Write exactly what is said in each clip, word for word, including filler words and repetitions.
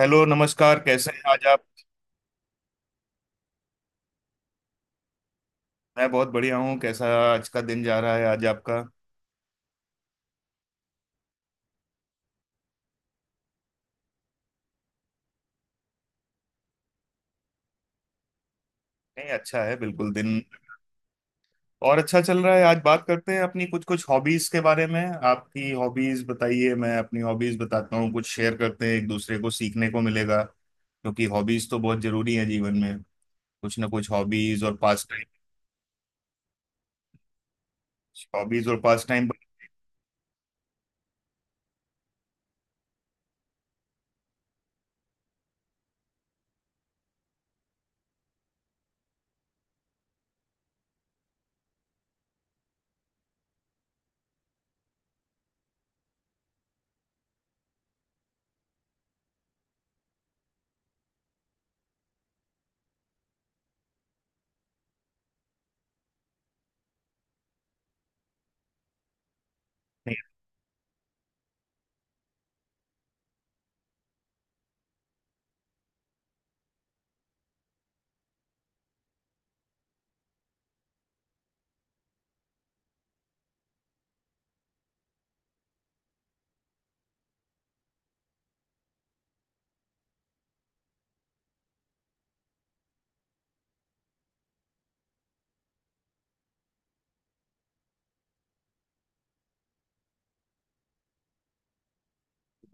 Hello, नमस्कार। कैसे हैं आज आप? मैं बहुत बढ़िया हूँ। कैसा आज का दिन जा रहा है, आज आपका? नहीं, अच्छा है बिल्कुल दिन। और अच्छा चल रहा है। आज बात करते हैं अपनी कुछ कुछ हॉबीज के बारे में। आपकी हॉबीज बताइए, मैं अपनी हॉबीज बताता हूँ, कुछ शेयर करते हैं, एक दूसरे को सीखने को मिलेगा, क्योंकि हॉबीज तो बहुत जरूरी है जीवन में, कुछ ना कुछ हॉबीज और पास टाइम। हॉबीज और पास टाइम।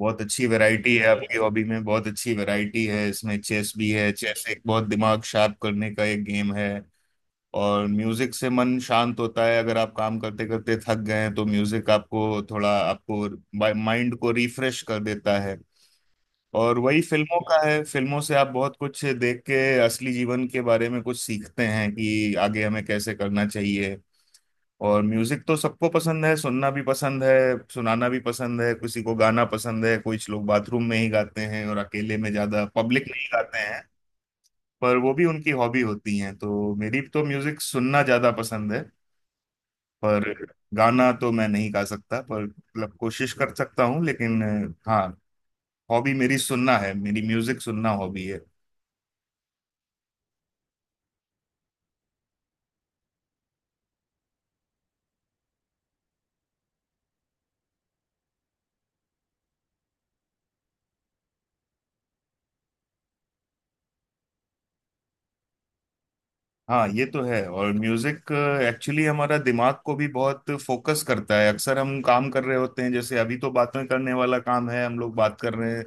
बहुत अच्छी वैरायटी है आपकी हॉबी में, बहुत अच्छी वैरायटी है। इसमें चेस भी है, चेस एक बहुत दिमाग शार्प करने का एक गेम है। और म्यूजिक से मन शांत होता है, अगर आप काम करते करते थक गए हैं तो म्यूजिक आपको थोड़ा आपको माइंड को रिफ्रेश कर देता है। और वही फिल्मों का है, फिल्मों से आप बहुत कुछ देख के असली जीवन के बारे में कुछ सीखते हैं कि आगे हमें कैसे करना चाहिए। और म्यूजिक तो सबको पसंद है, सुनना भी पसंद है, सुनाना भी पसंद है। किसी को गाना पसंद है, कुछ लोग बाथरूम में ही गाते हैं और अकेले में, ज्यादा पब्लिक में ही गाते हैं, पर वो भी उनकी हॉबी होती है। तो मेरी तो म्यूजिक सुनना ज्यादा पसंद है। पर गाना तो मैं नहीं गा सकता, पर मतलब कोशिश कर सकता हूँ, लेकिन अ, हाँ, हॉबी मेरी सुनना है, मेरी म्यूजिक सुनना हॉबी है। हाँ, ये तो है। और म्यूजिक एक्चुअली हमारा दिमाग को भी बहुत फोकस करता है। अक्सर हम काम कर रहे होते हैं, जैसे अभी तो बातें करने वाला काम है, हम लोग बात कर रहे हैं,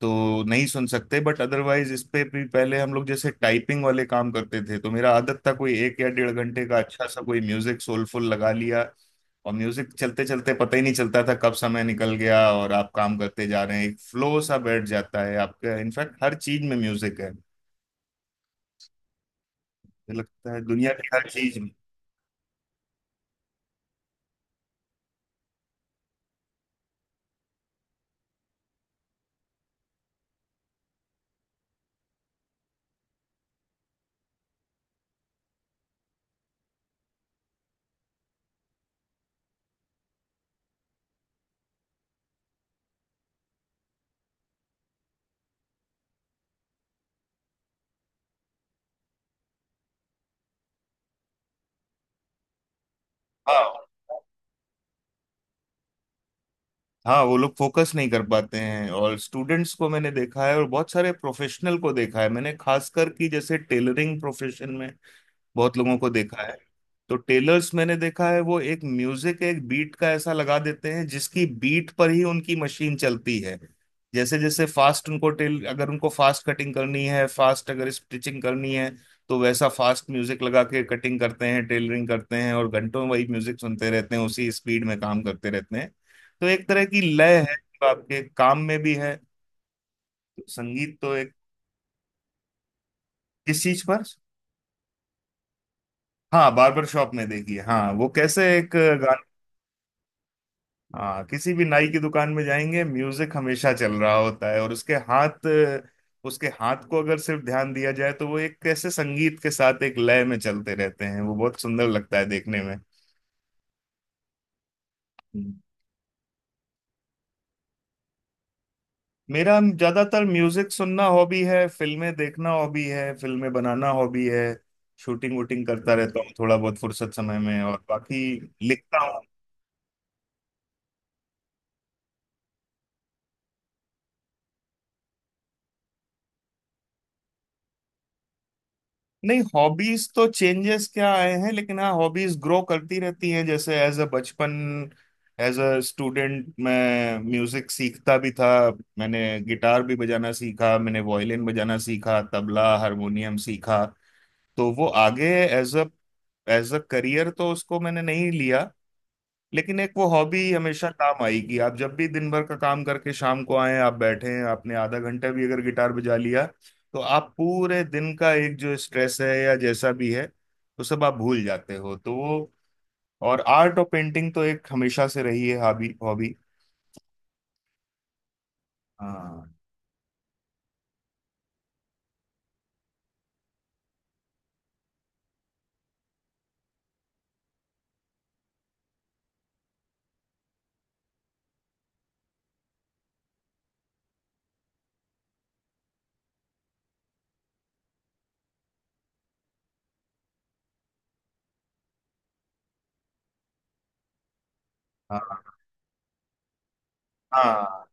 तो नहीं सुन सकते, बट अदरवाइज। इस पे भी पहले हम लोग जैसे टाइपिंग वाले काम करते थे, तो मेरा आदत था कोई एक या डेढ़ घंटे का अच्छा सा कोई म्यूजिक सोलफुल लगा लिया, और म्यूजिक चलते चलते पता ही नहीं चलता था कब समय निकल गया, और आप काम करते जा रहे हैं, एक फ्लो सा बैठ जाता है आपका। इनफैक्ट हर चीज में म्यूजिक है मुझे लगता है, दुनिया की हर चीज में। हाँ। हाँ, वो लोग फोकस नहीं कर पाते हैं, और स्टूडेंट्स को मैंने देखा है और बहुत सारे प्रोफेशनल को देखा है मैंने, खासकर कि जैसे टेलरिंग प्रोफेशन में बहुत लोगों को देखा है। तो टेलर्स मैंने देखा है, वो एक म्यूजिक, एक बीट का ऐसा लगा देते हैं जिसकी बीट पर ही उनकी मशीन चलती है। जैसे जैसे फास्ट उनको टेल, अगर उनको फास्ट कटिंग करनी है, फास्ट अगर स्टिचिंग करनी है, तो वैसा फास्ट म्यूजिक लगा के कटिंग करते हैं, टेलरिंग करते हैं, और घंटों वही म्यूजिक सुनते रहते हैं, उसी स्पीड में काम करते रहते हैं। तो एक तरह की लय है जो आपके काम में भी है। तो संगीत तो एक। किस चीज पर? हाँ, बार्बर शॉप में देखिए, हाँ, वो कैसे एक। हाँ, किसी भी नाई की दुकान में जाएंगे म्यूजिक हमेशा चल रहा होता है, और उसके हाथ उसके हाथ को अगर सिर्फ ध्यान दिया जाए तो वो एक कैसे संगीत के साथ एक लय में चलते रहते हैं, वो बहुत सुंदर लगता है देखने में। हम्म। मेरा ज्यादातर म्यूजिक सुनना हॉबी है, फिल्में देखना हॉबी है, फिल्में बनाना हॉबी है, शूटिंग वूटिंग करता रहता हूँ थोड़ा बहुत फुर्सत समय में, और बाकी लिखता हूँ। नहीं, हॉबीज तो चेंजेस क्या आए हैं, लेकिन हाँ, हॉबीज ग्रो करती रहती हैं। जैसे एज अ बचपन, एज अ स्टूडेंट मैं म्यूजिक सीखता भी था। मैंने गिटार भी बजाना सीखा, मैंने वायलिन बजाना सीखा, तबला हारमोनियम सीखा। तो वो आगे as a as a career, तो उसको मैंने नहीं लिया। लेकिन एक वो हॉबी हमेशा काम आएगी। आप जब भी दिन भर का काम करके शाम को आए, आप बैठे हैं, आपने आधा घंटा भी अगर गिटार बजा लिया तो आप पूरे दिन का एक जो स्ट्रेस है या जैसा भी है, वो सब आप भूल जाते हो। तो वो, और आर्ट और पेंटिंग तो एक हमेशा से रही है हॉबी, हॉबी। हाँ। हाँ। हाँ।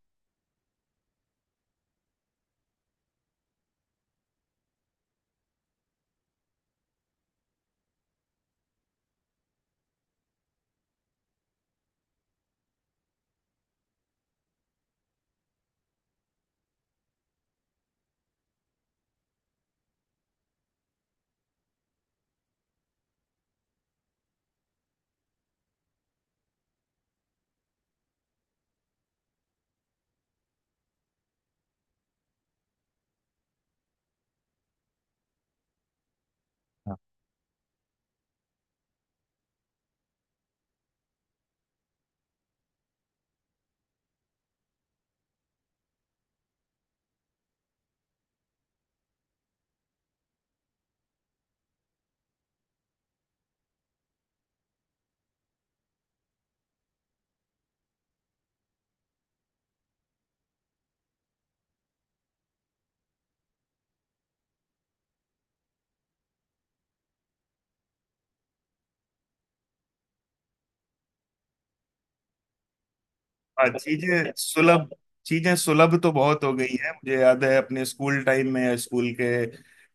हाँ, चीजें सुलभ चीजें सुलभ तो बहुत हो गई है। मुझे याद है अपने स्कूल टाइम में स्कूल के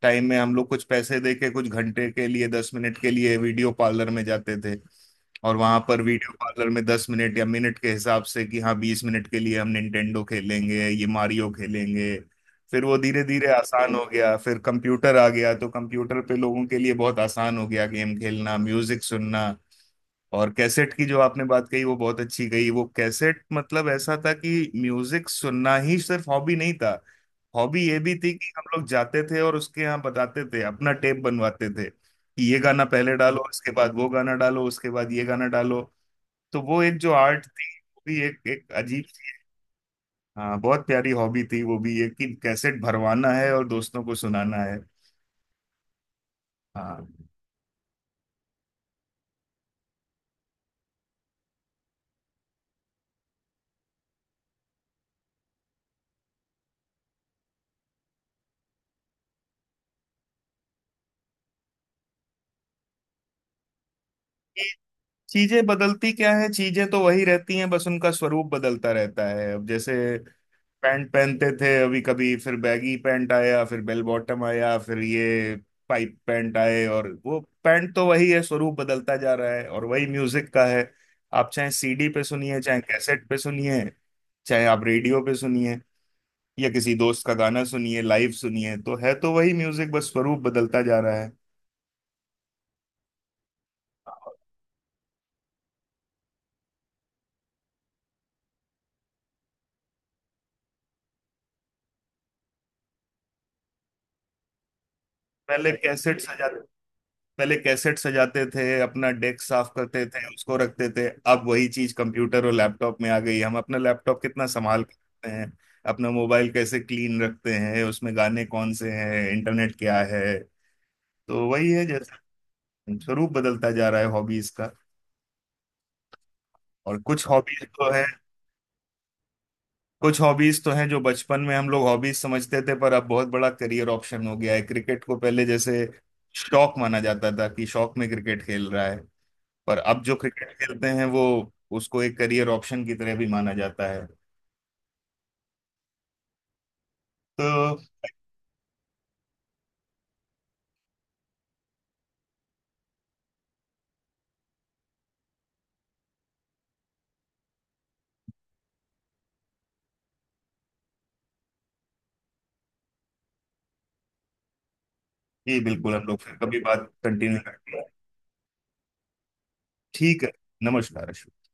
टाइम में हम लोग कुछ पैसे दे के कुछ घंटे के लिए, दस मिनट के लिए वीडियो पार्लर में जाते थे। और वहां पर वीडियो पार्लर में दस मिनट या मिनट के हिसाब से, कि हाँ बीस मिनट के लिए हम निंटेंडो खेलेंगे, ये मारियो खेलेंगे। फिर वो धीरे धीरे आसान हो गया, फिर कंप्यूटर आ गया, तो कंप्यूटर पे लोगों के लिए बहुत आसान हो गया गेम खेलना, म्यूजिक सुनना। और कैसेट की जो आपने बात कही वो बहुत अच्छी कही। वो कैसेट मतलब ऐसा था कि म्यूजिक सुनना ही सिर्फ हॉबी नहीं था, हॉबी ये भी थी कि हम लोग जाते थे और उसके यहाँ बताते थे, अपना टेप बनवाते थे कि ये गाना पहले डालो, इसके बाद वो गाना डालो, उसके बाद ये गाना डालो। तो वो एक जो आर्ट थी, वो भी एक एक अजीब सी- हाँ, बहुत प्यारी हॉबी थी वो भी, ये कि कैसेट भरवाना है और दोस्तों को सुनाना है। हाँ, ये चीजें बदलती क्या है? चीजें तो वही रहती हैं, बस उनका स्वरूप बदलता रहता है। अब जैसे पैंट पहनते थे अभी, कभी फिर बैगी पैंट आया, फिर बेल बॉटम आया, फिर ये पाइप पैंट आए, और वो पैंट तो वही है, स्वरूप बदलता जा रहा है। और वही म्यूजिक का है, आप चाहे सीडी पे सुनिए, चाहे कैसेट पे सुनिए, चाहे आप रेडियो पे सुनिए, या किसी दोस्त का गाना सुनिए, लाइव सुनिए, तो है तो वही म्यूजिक, बस स्वरूप बदलता जा रहा है। पहले कैसेट सजाते पहले कैसेट सजाते थे, अपना डेस्क साफ करते थे, उसको रखते थे। अब वही चीज कंप्यूटर और लैपटॉप में आ गई है। हम अपना लैपटॉप कितना संभाल के रखते हैं, अपना मोबाइल कैसे क्लीन रखते हैं, उसमें गाने कौन से हैं, इंटरनेट क्या है। तो वही है, जैसे स्वरूप बदलता जा रहा है हॉबीज का। और कुछ हॉबीज तो है कुछ हॉबीज तो हैं जो बचपन में हम लोग हॉबीज समझते थे, पर अब बहुत बड़ा करियर ऑप्शन हो गया है। क्रिकेट को पहले जैसे शौक माना जाता था, कि शौक में क्रिकेट खेल रहा है, पर अब जो क्रिकेट खेलते हैं वो उसको एक करियर ऑप्शन की तरह भी माना जाता है। तो ये बिल्कुल, हम लोग फिर कभी बात कंटिन्यू करते हैं। ठीक है। नमस्कार अश्विन।